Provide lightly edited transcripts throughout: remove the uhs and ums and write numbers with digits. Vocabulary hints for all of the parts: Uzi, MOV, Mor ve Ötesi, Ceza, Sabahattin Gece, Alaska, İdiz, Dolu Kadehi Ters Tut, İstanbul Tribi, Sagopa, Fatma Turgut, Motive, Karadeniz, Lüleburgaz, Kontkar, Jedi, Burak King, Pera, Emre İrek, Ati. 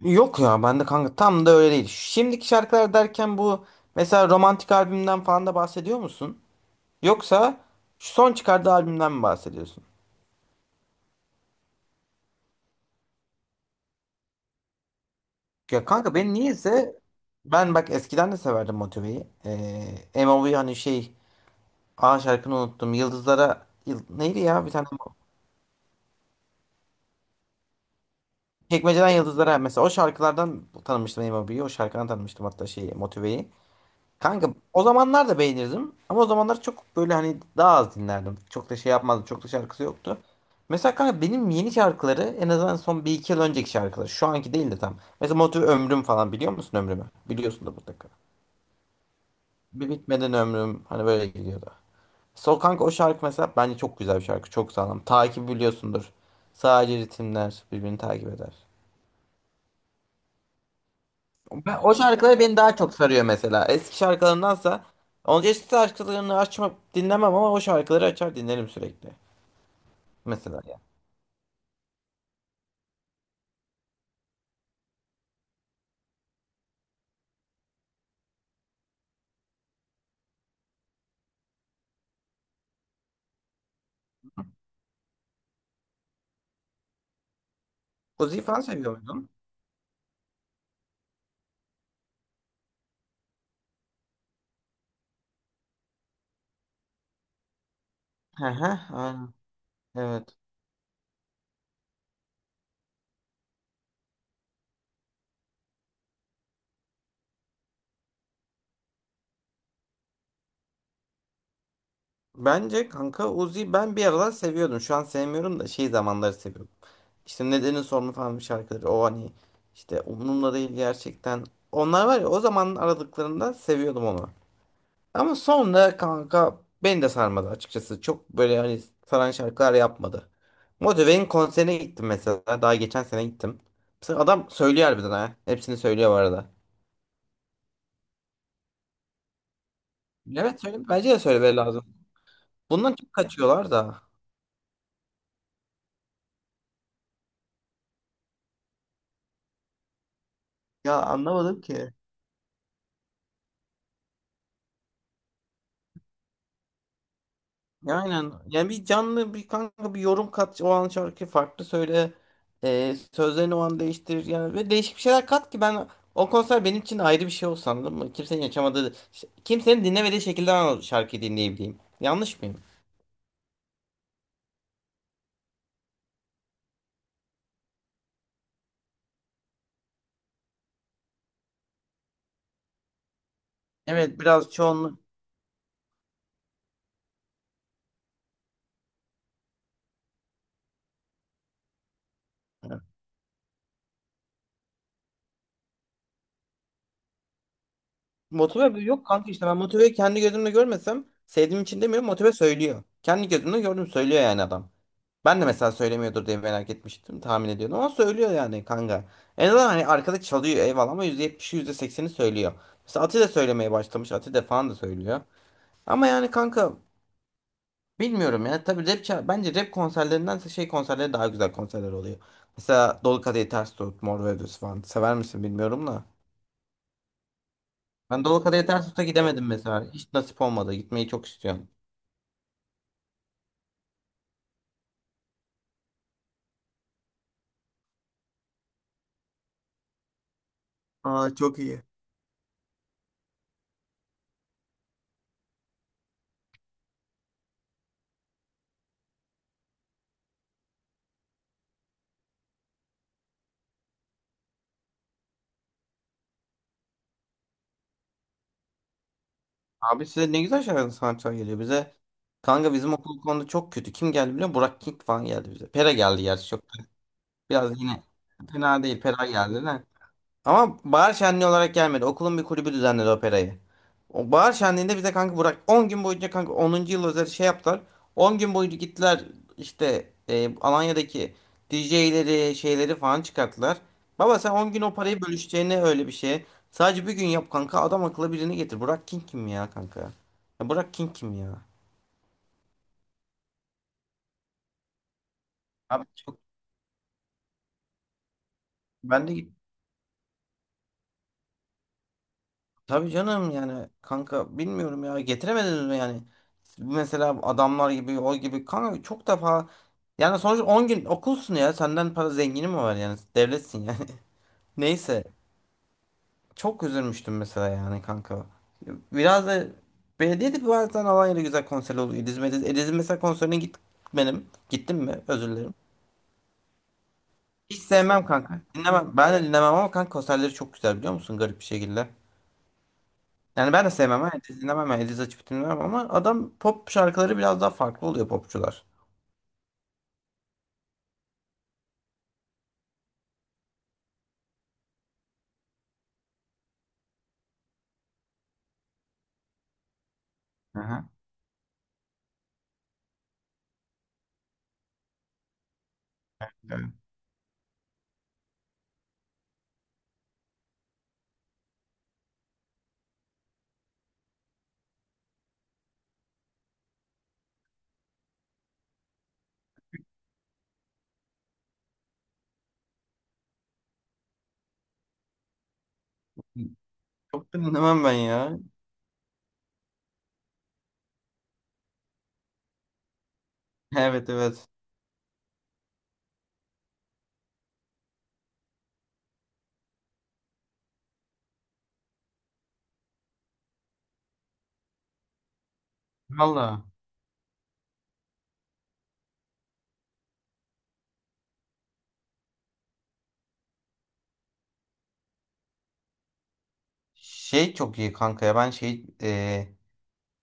Yok ya ben de kanka tam da öyle değil. Şimdiki şarkılar derken bu mesela romantik albümden falan da bahsediyor musun? Yoksa şu son çıkardığı albümden mi bahsediyorsun? Ya kanka ben niyeyse ben bak eskiden de severdim Motive'yi. MOV hani şey A şarkını unuttum. Yıldızlara yıl, neydi ya bir tane Çekmeceden Yıldızlara mesela o şarkılardan tanımıştım MOV'yi. O V'yi. O şarkıdan tanımıştım hatta şeyi Motive'yi. Kanka o zamanlar da beğenirdim ama o zamanlar çok böyle hani daha az dinlerdim. Çok da şey yapmazdım. Çok da şarkısı yoktu. Mesela kanka benim yeni şarkıları en azından son bir iki yıl önceki şarkılar. Şu anki değil de tam. Mesela Motive Ömrüm falan biliyor musun Ömrüm'ü? Biliyorsun da mutlaka. Bir bitmeden ömrüm hani böyle gidiyordu. Sol kanka o şarkı mesela bence çok güzel bir şarkı. Çok sağlam. Takip biliyorsundur. Sadece ritimler birbirini takip eder. Ben, o şarkıları beni daha çok sarıyor mesela. Eski şarkılarındansa onun eski şarkılarını açma dinlemem ama o şarkıları açar dinlerim sürekli. Mesela ya. Uzi'yi falan seviyor muydun? Hı hı, aynen. Evet. Bence kanka Uzi ben bir aralar seviyordum. Şu an sevmiyorum da şey zamanları seviyorum. İşte Nedenin Sorunu falan bir şarkıları. O hani işte umurumda değil gerçekten. Onlar var ya o zaman aradıklarında seviyordum onu. Ama sonra kanka beni de sarmadı açıkçası. Çok böyle hani saran şarkılar yapmadı. Motive'in konserine gittim mesela. Daha geçen sene gittim. Mesela adam söylüyor harbiden ha. Hepsini söylüyor bu arada. Evet söyle. Bence de söylemeleri lazım. Bundan çok kaçıyorlar da. Ya anlamadım ki. Aynen. Yani bir canlı bir kanka bir yorum kat. O an şarkı farklı söyle. Sözlerini o an değiştir. Yani ve değişik bir şeyler kat ki ben o konser benim için ayrı bir şey olsun anladın mı? Kimsenin yaşamadığı, kimsenin dinlemediği şekilde ben o şarkıyı dinleyebileyim. Yanlış mıyım? Evet biraz çoğunluk. Evet. Motive yok kanka işte ben motive kendi gözümle görmesem sevdiğim için demiyorum motive söylüyor. Kendi gözümle gördüm söylüyor yani adam. Ben de mesela söylemiyordur diye merak etmiştim. Tahmin ediyordum ama söylüyor yani kanka. En azından hani arkada çalıyor eyvallah ama yüzde yetmişi yüzde sekseni söylüyor. Mesela Ati de söylemeye başlamış. Ati de falan da söylüyor. Ama yani kanka bilmiyorum ya. Tabii bence rap konserlerinden şey konserleri daha güzel konserler oluyor. Mesela Dolu Kadehi Ters Tut, Mor ve Ötesi falan. Sever misin bilmiyorum da. Ben Dolu Kadehi Ters Tut'a gidemedim mesela. Hiç nasip olmadı. Gitmeyi çok istiyorum. Aa çok iyi. Abi size ne güzel şeyler sanatçılar geliyor bize. Kanka bizim okul bu konuda çok kötü. Kim geldi biliyor musun? Burak King falan geldi bize. Pera geldi gerçi çok. Biraz yine fena değil. Pera geldi. Ama bahar şenliği olarak gelmedi. Okulun bir kulübü düzenledi operayı. O bahar şenliğinde bize kanka Burak 10 gün boyunca kanka onuncu yıl özel şey yaptılar. On gün boyunca gittiler işte Alanya'daki DJ'leri şeyleri falan çıkarttılar. Baba sen 10 gün o parayı bölüşeceğine öyle bir şey. Sadece bir gün yap kanka adam akıllı birini getir. Burak King kim ya kanka? Ya Burak King kim ya? Abi çok ben de git. Tabii canım yani kanka bilmiyorum ya getiremediniz mi yani? Mesela adamlar gibi o gibi kanka çok defa. Yani sonuç 10 gün okulsun ya. Senden para zengini mi var yani? Devletsin yani. Neyse. Çok üzülmüştüm mesela yani kanka. Biraz da belediye de bazen Alanya'da güzel konser oluyor. İdizim, İdiz, İdiz'in mesela konserine git benim. Gittim mi? Özür dilerim. Hiç sevmem kanka. Dinlemem. Ben de dinlemem ama kanka konserleri çok güzel biliyor musun? Garip bir şekilde. Yani ben de sevmem ha. İdiz dinlemem. Yani İdiz açıp dinlemem ama adam pop şarkıları biraz daha farklı oluyor popçular. Aha. Çok da dinlemem ben ya. Evet evet. Valla. Şey çok iyi kanka ya ben şey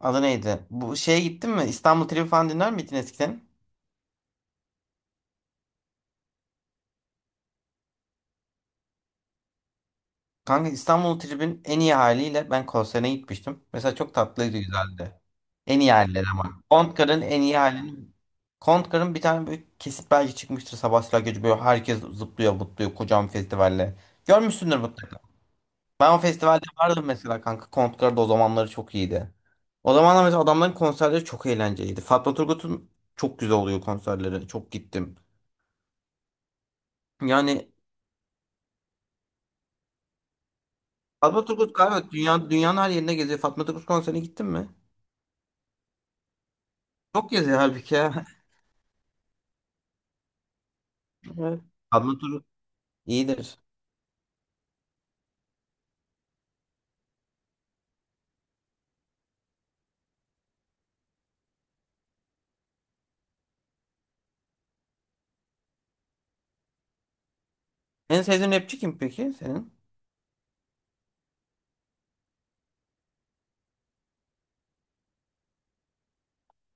adı neydi? Bu şeye gittin mi? İstanbul Tribi falan dinler miydin eskiden? Kanka İstanbul Tribi'nin en iyi haliyle ben konserine gitmiştim. Mesela çok tatlıydı güzeldi. En iyi halleri ama. Kontkar'ın en iyi halini. Kontkar'ın bir tane böyle kesit belge çıkmıştır Sabahattin Gece böyle herkes zıplıyor butluyor kocaman festivalle. Görmüşsündür mutlaka. Ben o festivalde vardım mesela kanka. Kontkar da o zamanları çok iyiydi. O zamanlar mesela adamların konserleri çok eğlenceliydi. Fatma Turgut'un çok güzel oluyor konserleri. Çok gittim. Yani Fatma Turgut galiba dünyanın her yerine geziyor. Fatma Turgut konserine gittin mi? Çok geziyor halbuki ya. Evet. Fatma Turgut iyidir. En sevdiğin rapçi kim peki senin?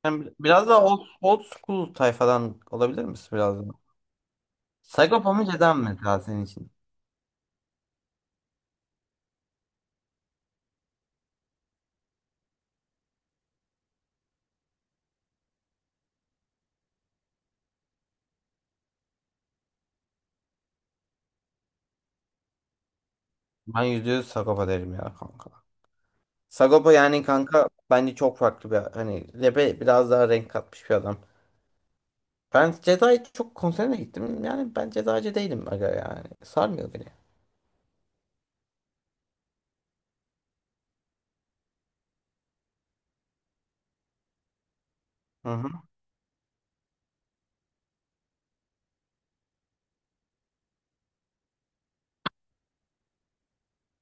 Biraz daha old school tayfadan olabilir misin biraz daha? Sagopa mı Ceza mı mesela senin için? Ben yüzde yüz Sagopa derim ya kanka. Sagopa yani kanka bence çok farklı bir hani rap'e biraz daha renk katmış bir adam. Ben Jedi çok konserine gittim. Yani ben Jedi'cı değilim aga yani. Sarmıyor beni. Hı hı.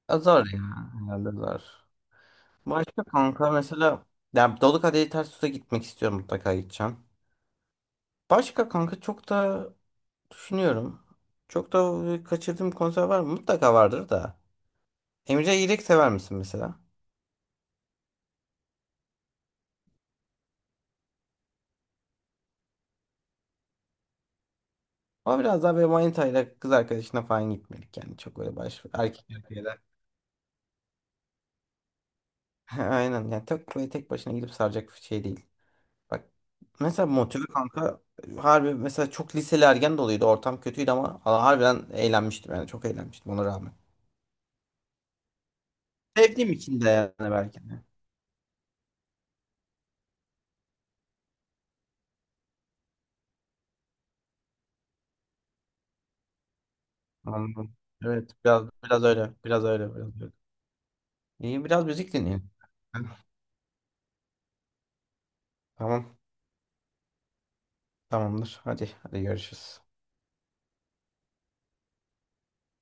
Azar ya. Herhalde azar. Başka kanka mesela yani Dolu Kadehi Ters Tut'a gitmek istiyorum mutlaka gideceğim. Başka kanka çok da düşünüyorum. Çok da kaçırdığım konser var mı? Mutlaka vardır da. Emre İrek sever misin mesela? Ama biraz daha böyle manitayla kız arkadaşına falan gitmedik yani. Çok böyle baş erkek erkeğe. He, aynen yani tek böyle tek başına gidip saracak bir şey değil. Bak mesela motive kanka harbi mesela çok liseli ergen doluydu ortam kötüydü ama harbiden eğlenmiştim yani çok eğlenmiştim ona rağmen. Sevdiğim için de yani belki de. Anladım. Evet biraz biraz öyle biraz öyle biraz öyle. İyi biraz müzik dinleyelim. Tamam tamamdır hadi hadi görüşürüz.